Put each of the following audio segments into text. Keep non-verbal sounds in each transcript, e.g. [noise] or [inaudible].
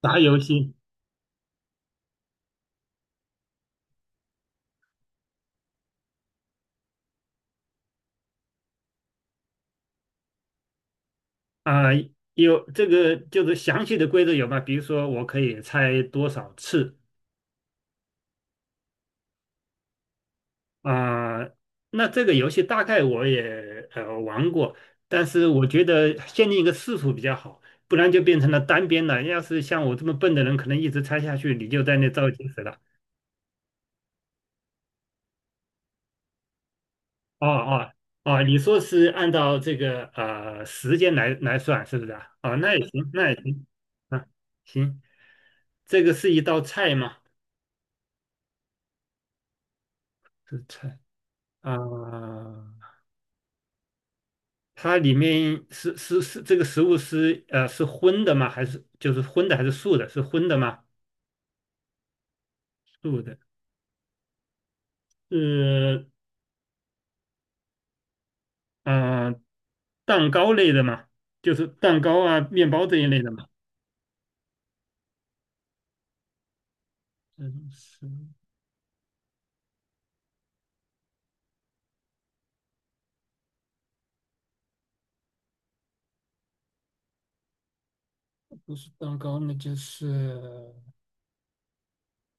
打游戏啊、有这个就是详细的规则有吗？比如说我可以猜多少次。啊、那这个游戏大概我也玩过，但是我觉得限定一个次数比较好，不然就变成了单边了。要是像我这么笨的人，可能一直猜下去，你就在那造句子了。哦哦哦，你说是按照这个时间来算，是不是啊？哦，那也行，那也行。啊，行，这个是一道菜吗？是菜。啊，它里面是这个食物是是荤的吗？还是就是荤的还是素的？是荤的吗？素的，是。嗯、呃蛋糕类的嘛，就是蛋糕啊、面包这一类的嘛。这种是不是蛋糕？那就是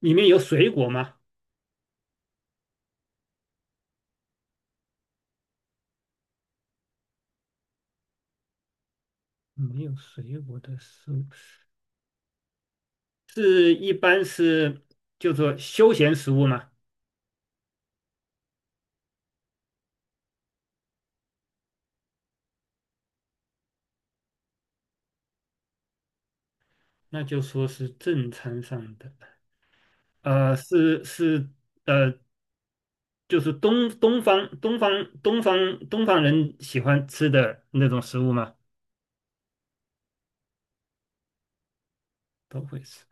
里面有水果吗？没有水果的食物，是一般是就说休闲食物嘛，那就说是正餐上的。是呃就是东方人喜欢吃的那种食物吗？都会吃。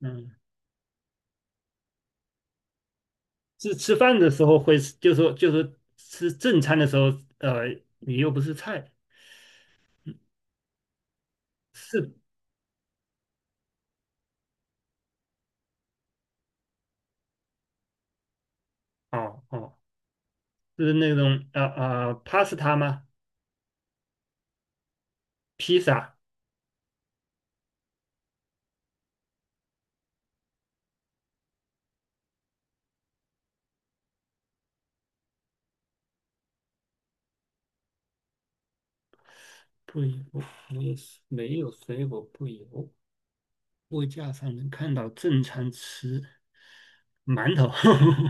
嗯，是吃饭的时候会吃就是说就是吃正餐的时候。呃，你又不是菜，是。哦哦，是那种pasta 吗？披萨不油，没有没有水果不油，货架上能看到正餐吃馒头。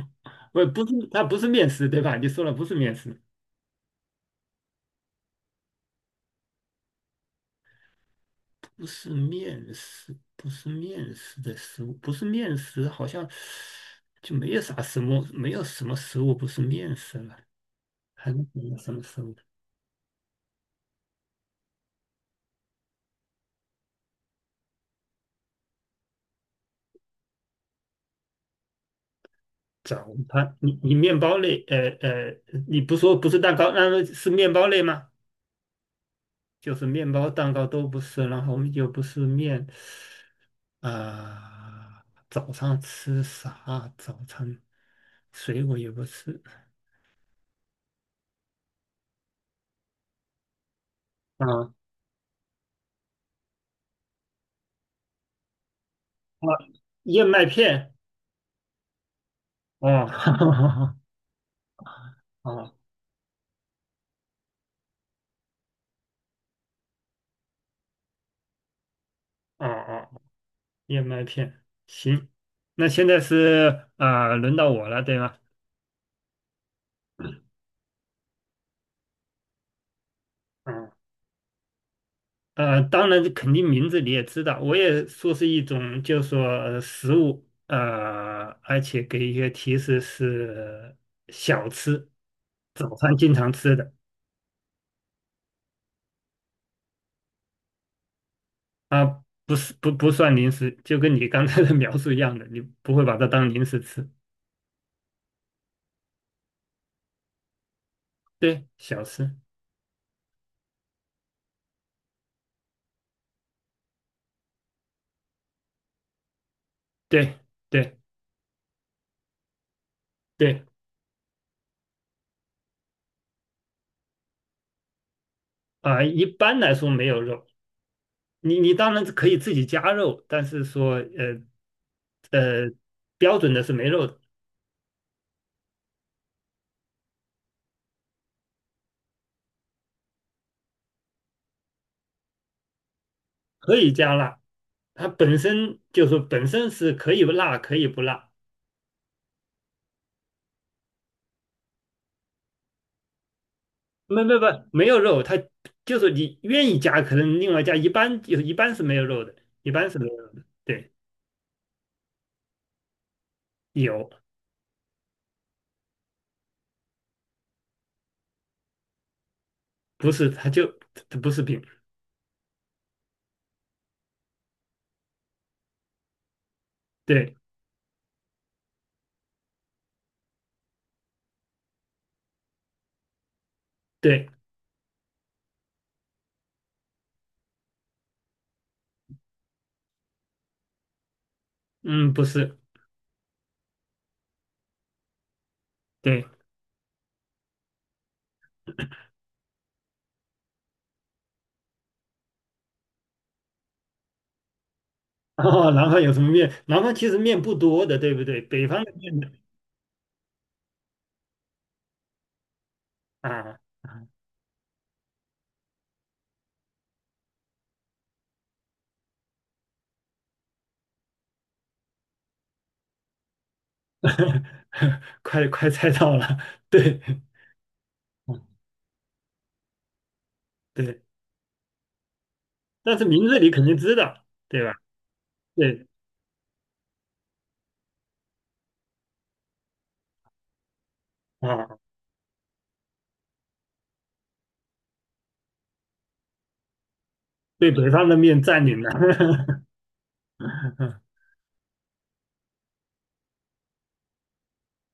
[laughs] 不是它不是面食对吧？你说了不是面食。不是面食，不是面食的食物，不是面食，好像就没有啥什么，没有什么食物不是面食了，还能有什么食物？早餐，你面包类，你不说不是蛋糕，那么是面包类吗？就是面包、蛋糕都不是，然后又不是面。啊，早上吃啥？早餐水果也不吃。啊啊，燕麦片，哦。[laughs] 啊。哦哦，燕麦片，行。那现在是啊，轮到我了，对吗？嗯。当然，肯定名字你也知道，我也说是一种，就是说食物。而且给一些提示是小吃，早餐经常吃的。啊，不是，不算零食，就跟你刚才的 [laughs] 描述一样的，你不会把它当零食吃，对，小吃。对对对。啊，一般来说没有肉，你当然可以自己加肉，但是说呃，标准的是没肉的，可以加辣。它本身就是说本身是可以辣可以不辣。没有肉，它就是你愿意加，可能另外加。一般是没有肉的，一般是没有肉的。对。有。不是它不是饼。对对，嗯，不是。对。[laughs] 哦，南方有什么面？南方其实面不多的，对不对？北方的面。啊。[laughs] 快快猜到了，[laughs] 对。嗯，对，但是名字你肯定知道，对吧？对啊，被北方的面占领了。[laughs]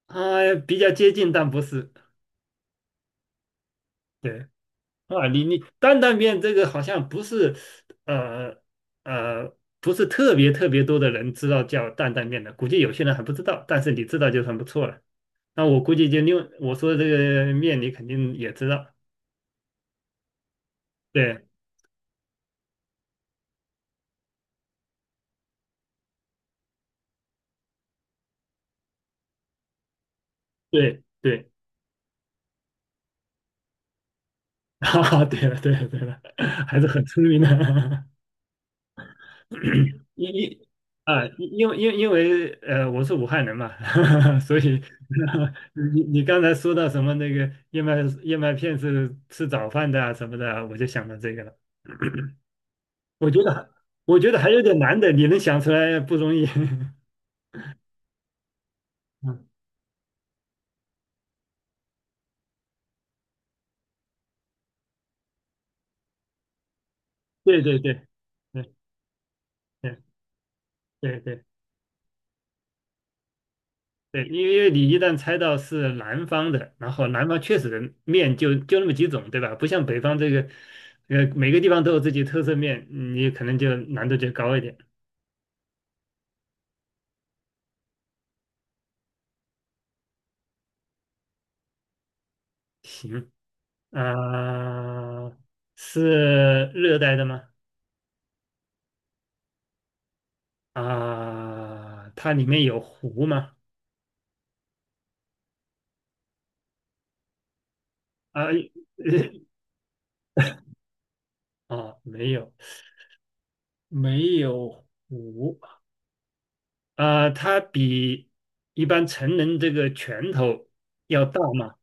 啊，比较接近，但不是。对啊，你担担面这个好像不是。呃不是特别特别多的人知道叫担担面的，估计有些人还不知道，但是你知道就很不错了。那我估计就另我说的这个面你肯定也知道。对对对。啊，[laughs] 对了，对了，对了，还是很聪明的。[clears throat] 因因因为我是武汉人嘛。[laughs] 所以 [laughs] 你刚才说到什么那个燕麦片是吃早饭的啊什么的啊我就想到这个了。我觉得还我觉得还有点难的，你能想出来不容易。[laughs] 嗯，对对对对对对对。对，因为你一旦猜到是南方的，然后南方确实的面就那么几种，对吧？不像北方这个。每个地方都有自己特色面，你可能就难度就高一点。行。啊，是热带的吗？啊，它里面有湖吗？啊。[laughs] 哦，没有，没有湖。啊，它比一般成人这个拳头要大吗？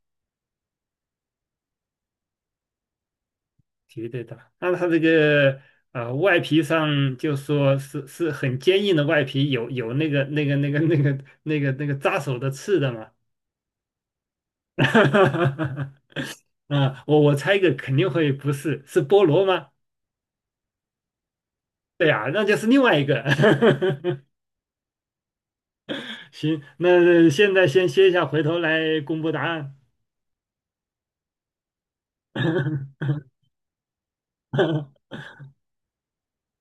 绝对的，那它这个。啊，外皮上就说是很坚硬的外皮，有那个扎手的刺的嘛？[laughs] 啊，我猜一个肯定会不是，是菠萝吗？对呀，那就是另外一个。[laughs] 行，那现在先歇一下，回头来公布答案。[laughs]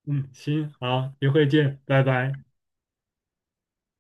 嗯，行，好，一会见，拜拜。